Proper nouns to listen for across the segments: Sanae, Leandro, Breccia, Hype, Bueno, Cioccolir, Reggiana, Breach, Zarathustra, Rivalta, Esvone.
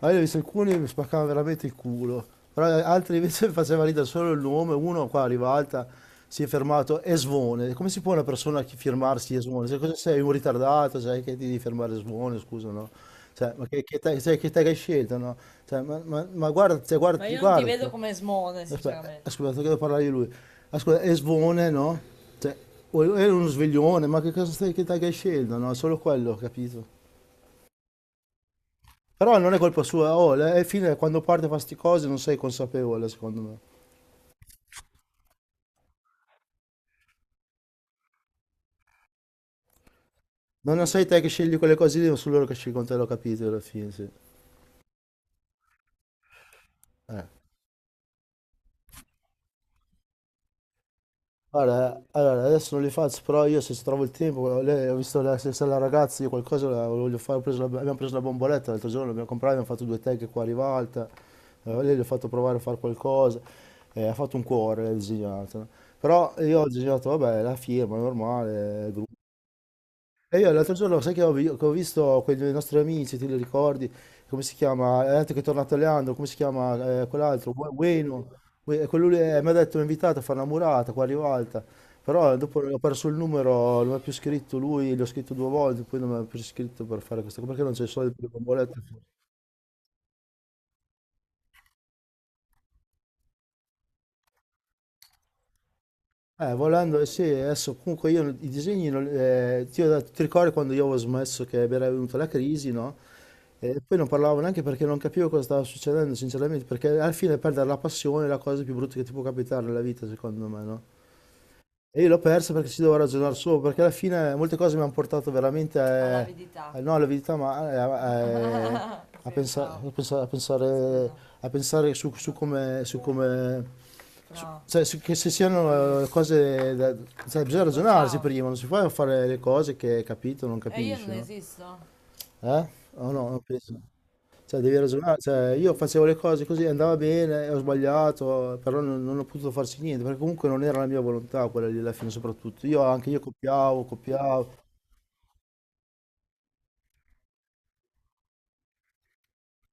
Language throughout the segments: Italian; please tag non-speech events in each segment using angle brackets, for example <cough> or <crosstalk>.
Allora, io ho visto alcuni che mi spaccavano veramente il culo, però altri invece <laughs> mi faceva ridere solo il nome, uno qua arriva alta, si è fermato, Esvone. Come si può una persona firmarsi Esvone? Cioè, cosa sei, un ritardato, sai che ti devi fermare Esvone, scusa, no? Cioè, ma te, sai che te che hai scelto, no? Cioè, ma guarda, cioè, ma guardati, guardati. Aspetta, ascolta, devo parlare di lui. Ascolta, è svone, no? Cioè, è uno sveglione, ma che cosa stai, che tag hai scelto, no? Solo quello, capito? Però non è colpa sua, oh, alla fine quando parte fa sti cose non sei consapevole, secondo me. Non sei te che scegli quelle cose lì, ma sono loro che scelgono te, l'ho capito alla fine, sì. Eh. Guarda, allora, adesso non li faccio, però io se ci trovo il tempo, lei, ho visto la, se la ragazza, io qualcosa la voglio fare, ho preso abbiamo preso la bomboletta l'altro giorno, l'abbiamo comprata, abbiamo fatto due tag qua a Rivalta. Lei gli ho fatto provare a fare qualcosa, ha fatto un cuore, l'ha disegnato, no? Però io ho disegnato, vabbè, la firma, normale. E io l'altro giorno, sai che ho, che ho visto quei due nostri amici, ti li ricordi? Come si chiama? Anche che è tornato Leandro, come si chiama quell'altro? Bueno. Quello lì, mi ha detto, mi ha invitato a fare una murata qua a Rivalta. Però dopo ho perso il numero, non mi ha più scritto lui, l'ho scritto due volte, poi non mi ha più scritto per fare questa cosa, perché non c'è i soldi per le bombolette. Volendo, sì, adesso comunque io i disegni, ho ti ricordi quando io avevo smesso che mi era venuta la crisi, no? E poi non parlavo neanche perché non capivo cosa stava succedendo, sinceramente, perché alla fine perdere la passione è la cosa più brutta che ti può capitare nella vita, secondo me, no? E io l'ho persa perché si doveva ragionare solo, perché alla fine molte cose mi hanno portato veramente all'avidità. A, a- no, All'avidità, ma <laughs> pensavo. A pensare, a pensare su come cioè, che se siano cose da... cioè, bisogna ragionarsi prima, non si può fare le cose che capito o non capisci, no? Eh? O no, non penso. Cioè, devi ragionare, cioè, io facevo le cose così, andava bene, ho sbagliato, però non ho potuto farci niente, perché comunque non era la mia volontà quella lì alla fine soprattutto. Io anche io copiavo.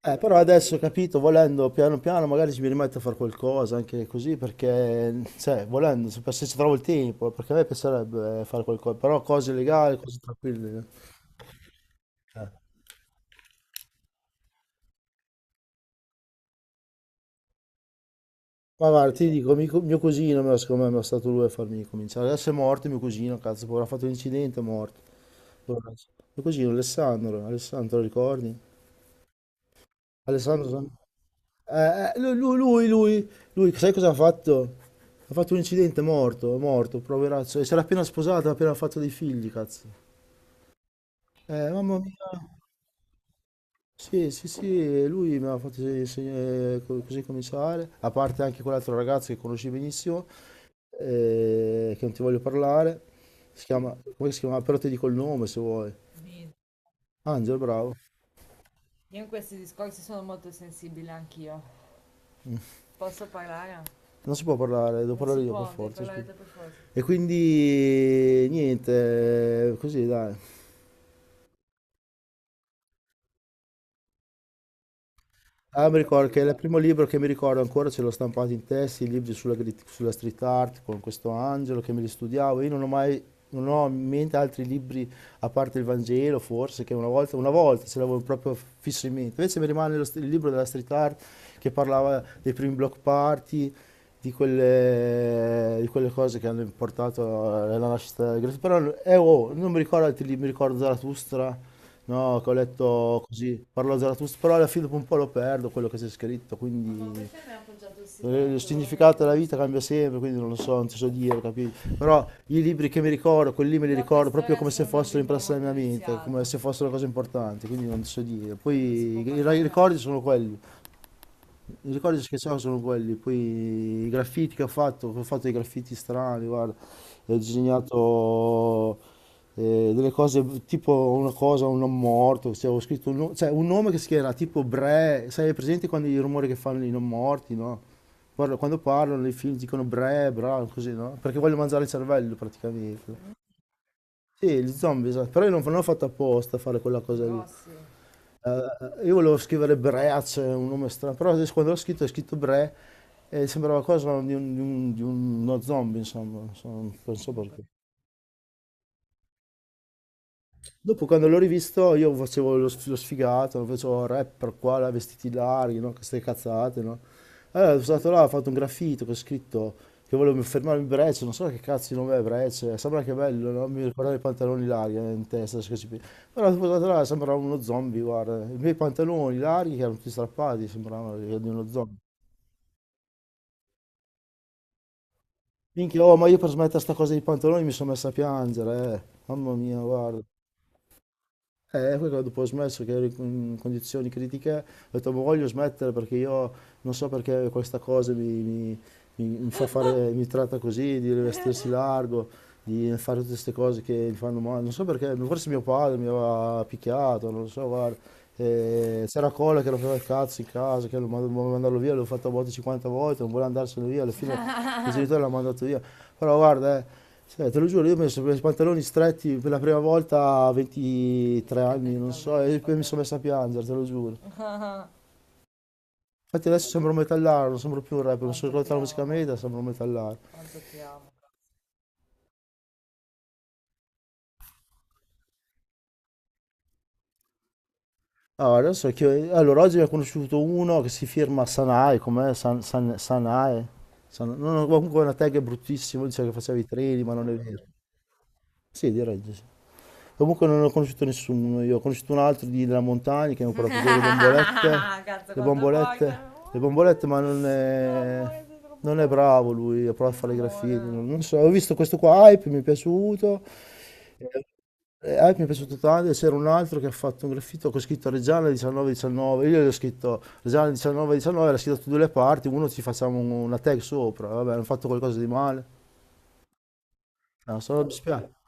Però adesso, capito, volendo piano piano magari ci mi rimetto a fare qualcosa anche così perché, cioè, volendo, se ci trovo il tempo, perché a me piacerebbe fare qualcosa, però cose legali, cose tranquille, eh. Ma guarda, ti dico, mio cugino, secondo me, mi è stato lui a farmi cominciare. Adesso è morto mio cugino, cazzo, povero, ha fatto un incidente, è morto. Mio cugino Alessandro, Alessandro, lo ricordi? Alessandro, Eh, eh, lui, lui, lui, lui, lui, sai cosa ha fatto? Ha fatto un incidente, è morto, poveraccio. E si era appena sposato, ha appena fatto dei figli, cazzo. Mamma mia. Sì, sì, sì, lui mi ha fatto co- così cominciare, a parte anche quell'altro ragazzo che conosci benissimo, che non ti voglio parlare. Si chiama, come si chiama? Però ti dico il nome se vuoi. Angel, bravo. Non si può parlare, devo non parlare io per forza, scusa. E quindi niente, così dai. Ah, mi ricordo che il primo libro che mi ricordo ancora ce l'ho stampato in testa, i libri sulla, sulla street art con questo angelo che me li studiavo. Io non ho mai, non ho in mente altri libri a parte il Vangelo, forse, che una volta ce l'avevo proprio fisso in mente. Invece mi rimane il libro della street art che parlava dei primi block party, di di quelle cose che hanno portato alla nascita del graffiti. Però oh, non mi ricordo altri libri, mi ricordo Zarathustra. No, che ho letto così, parlo Zarathustra, però alla fine dopo un po' lo perdo quello che c'è scritto. Ma quindi il significato della vita cambia sempre, quindi non lo so, non ti so dire, capito? Però i libri che mi ricordo, quelli lì me li ricordo proprio come se fossero impresse nella mia mente, come se fossero cose importanti, quindi non ti so dire. Non si può. Poi i ricordi sono quelli. I ricordi che ho sono quelli, poi i graffiti che ho fatto dei graffiti strani, guarda, ho disegnato delle cose, tipo una cosa, un non morto, cioè, ho scritto un, cioè, un nome che si chiama tipo Bre, sai, è presente quando i rumori che fanno i non morti, no? Guarda, quando parlano nei film dicono Bre, bra, così, no? Perché voglio mangiare il cervello praticamente. Sì, gli zombie, esatto. Però io non ho fatto apposta a fare quella cosa lì. Io volevo scrivere Breach, un nome strano, però adesso quando l'ho scritto, ho scritto Bre e sembrava cosa di, di uno zombie, insomma, non so perché. Dopo quando l'ho rivisto io facevo lo, lo sfigato, facevo rapper qua, là, vestiti larghi, no? Queste cazzate, no? Allora sono stato là, ho fatto un graffito che ho scritto che volevo fermarmi Breccia, non so che cazzo di nome è Breccia, sembra che è bello, no? Mi ricordava i pantaloni larghi in testa, adesso che ci però sono stato là, sembrava uno zombie, guarda, i miei pantaloni larghi che erano tutti strappati, sembravano di uno zombie. Minchia, oh, ma io per smettere sta cosa dei pantaloni mi sono messo a piangere, eh. Mamma mia, guarda. Poi quando dopo ho smesso, che ero in condizioni critiche, ho detto, ma voglio smettere perché io non so perché questa cosa mi fa fare, <laughs> mi tratta così, di vestirsi largo, di fare tutte queste cose che mi fanno male. Non so perché, forse mio padre mi aveva picchiato, non lo so, guarda. C'era Cola che rompeva il cazzo in casa, che lo voleva mandarlo via, l'ho fatto a volte 50 volte, non voleva andarsene via, alla fine il <laughs> genitore l'ha mandato via. Però guarda, cioè, te lo giuro, io ho messo i pantaloni stretti per la prima volta a 23 anni, non so, e poi mi sono messo a piangere, te lo giuro. Infatti adesso sembro un metallaro, non sembro più un rapper, mi sono rivolto alla musica media, sembro un metallaro. Allora, adesso allora, oggi ne ho conosciuto uno che si firma Sanae, com'è? Sanae? No, no, comunque una tag bruttissima, dice che faceva i treni, ma non è vero. Sì, direi di sì. Comunque non ho conosciuto nessuno, io ho conosciuto un altro di, della montagna che mi ha portato delle bombolette, <laughs> le bombolette, le bombolette, ma non è bravo lui, ha provato a fare i graffiti, non so, ho visto questo qua, Hype, mi è piaciuto, eh, Hype mi è piaciuto tanto, e c'era un altro che ha fatto un graffito con scritto Reggiana 19-19, io gli ho scritto Reggiana 19-19, era scritto da due le parti, uno ci facciamo una tag sopra, vabbè, hanno fatto qualcosa di male, no, sono dispiaciuto.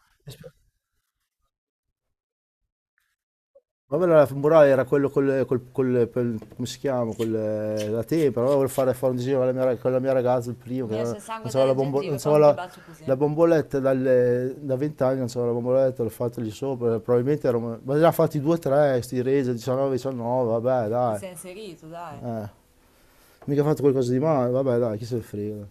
Vabbè, la femorale era quello col, come si chiama? Col, la tempra, allora volevo fare, fare un disegno con la mia, con la mia ragazza, il primo, che non so la, non so la, la bomboletta da 20 anni, non so la bomboletta, l'ho fatta lì sopra, probabilmente ero, ma ne ha fatti due o tre, sti resa, 19, 19, vabbè, ti dai, ti eh, mica ha fatto qualcosa di male, vabbè, dai, chi se ne frega. Come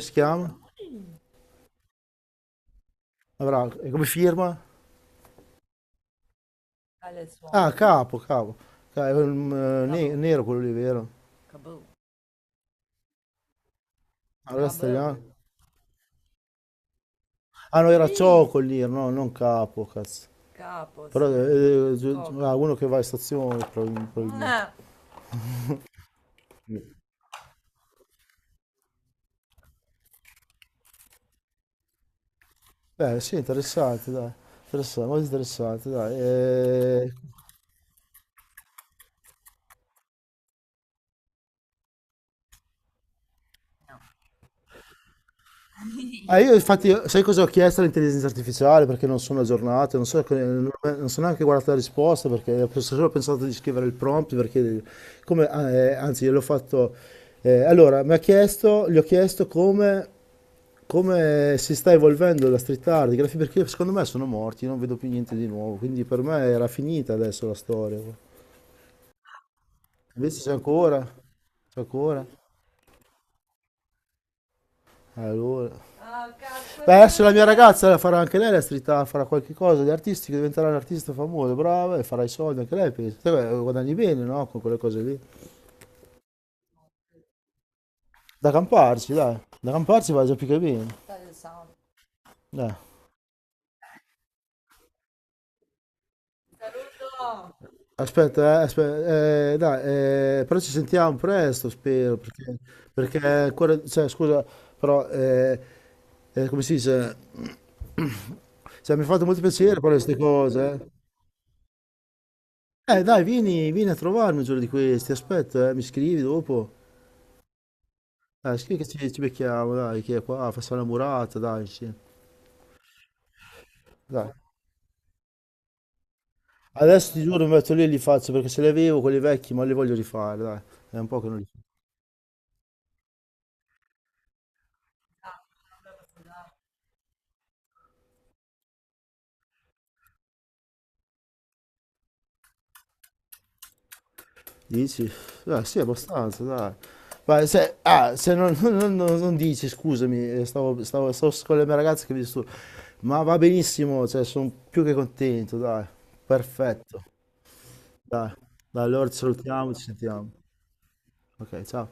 si chiama? Avrà, e come firma? Ah, capo, capo. È un, nero quello lì, vero? Ah, ragazzi, italiano. Ah no, era sì, Cioccolir, no, non Capo, cazzo. Capo, però sì. Ah, Coco. Uno che va in stazione probabilmente. Ah, beh, sì, interessante, dai. Interessante, molto interessante, dai. Io infatti, sai cosa ho chiesto all'intelligenza artificiale? Perché non sono aggiornato, non so, non sono neanche guardato la risposta, perché ho solo pensato di scrivere il prompt, perché come, ah, anzi, gliel'ho fatto... allora, mi ha chiesto, gli ho chiesto come... come si sta evolvendo la street art, i graffiti, perché secondo me sono morti, non vedo più niente di nuovo, quindi per me era finita adesso la storia. Invece c'è ancora, c'è ancora. Allora. Beh, adesso la mia ragazza farà anche lei la street art, farà qualche cosa di artistico, diventerà un artista famoso, brava, e farà i soldi anche lei, penso. Te, beh, guadagni bene, no? Con quelle cose lì. Da camparci, dai. Da camparci va già più che bene. Dai. Aspetta, dai, però ci sentiamo presto, spero, perché, perché ancora, cioè, scusa, però, come si dice, cioè, mi ha fatto molto piacere parlare di queste cose, eh. Dai, vieni a trovarmi un giorno di questi, aspetto, mi scrivi dopo, scrivi che ci becchiamo, dai, che è qua, facciamo la murata, dai, insieme, dai. Adesso ti giuro, mi metto lì e li faccio, perché se li avevo quelli vecchi, ma li voglio rifare, dai, è un po' che non li. Dici? Sì, abbastanza, dai. Ma se, ah, se non, <laughs> non dici, scusami, stavo con le mie ragazze che mi disturbo. Ma va benissimo, cioè, sono più che contento, dai. Perfetto. Dai, dai, allora ci salutiamo, ci sentiamo. Ok, ciao.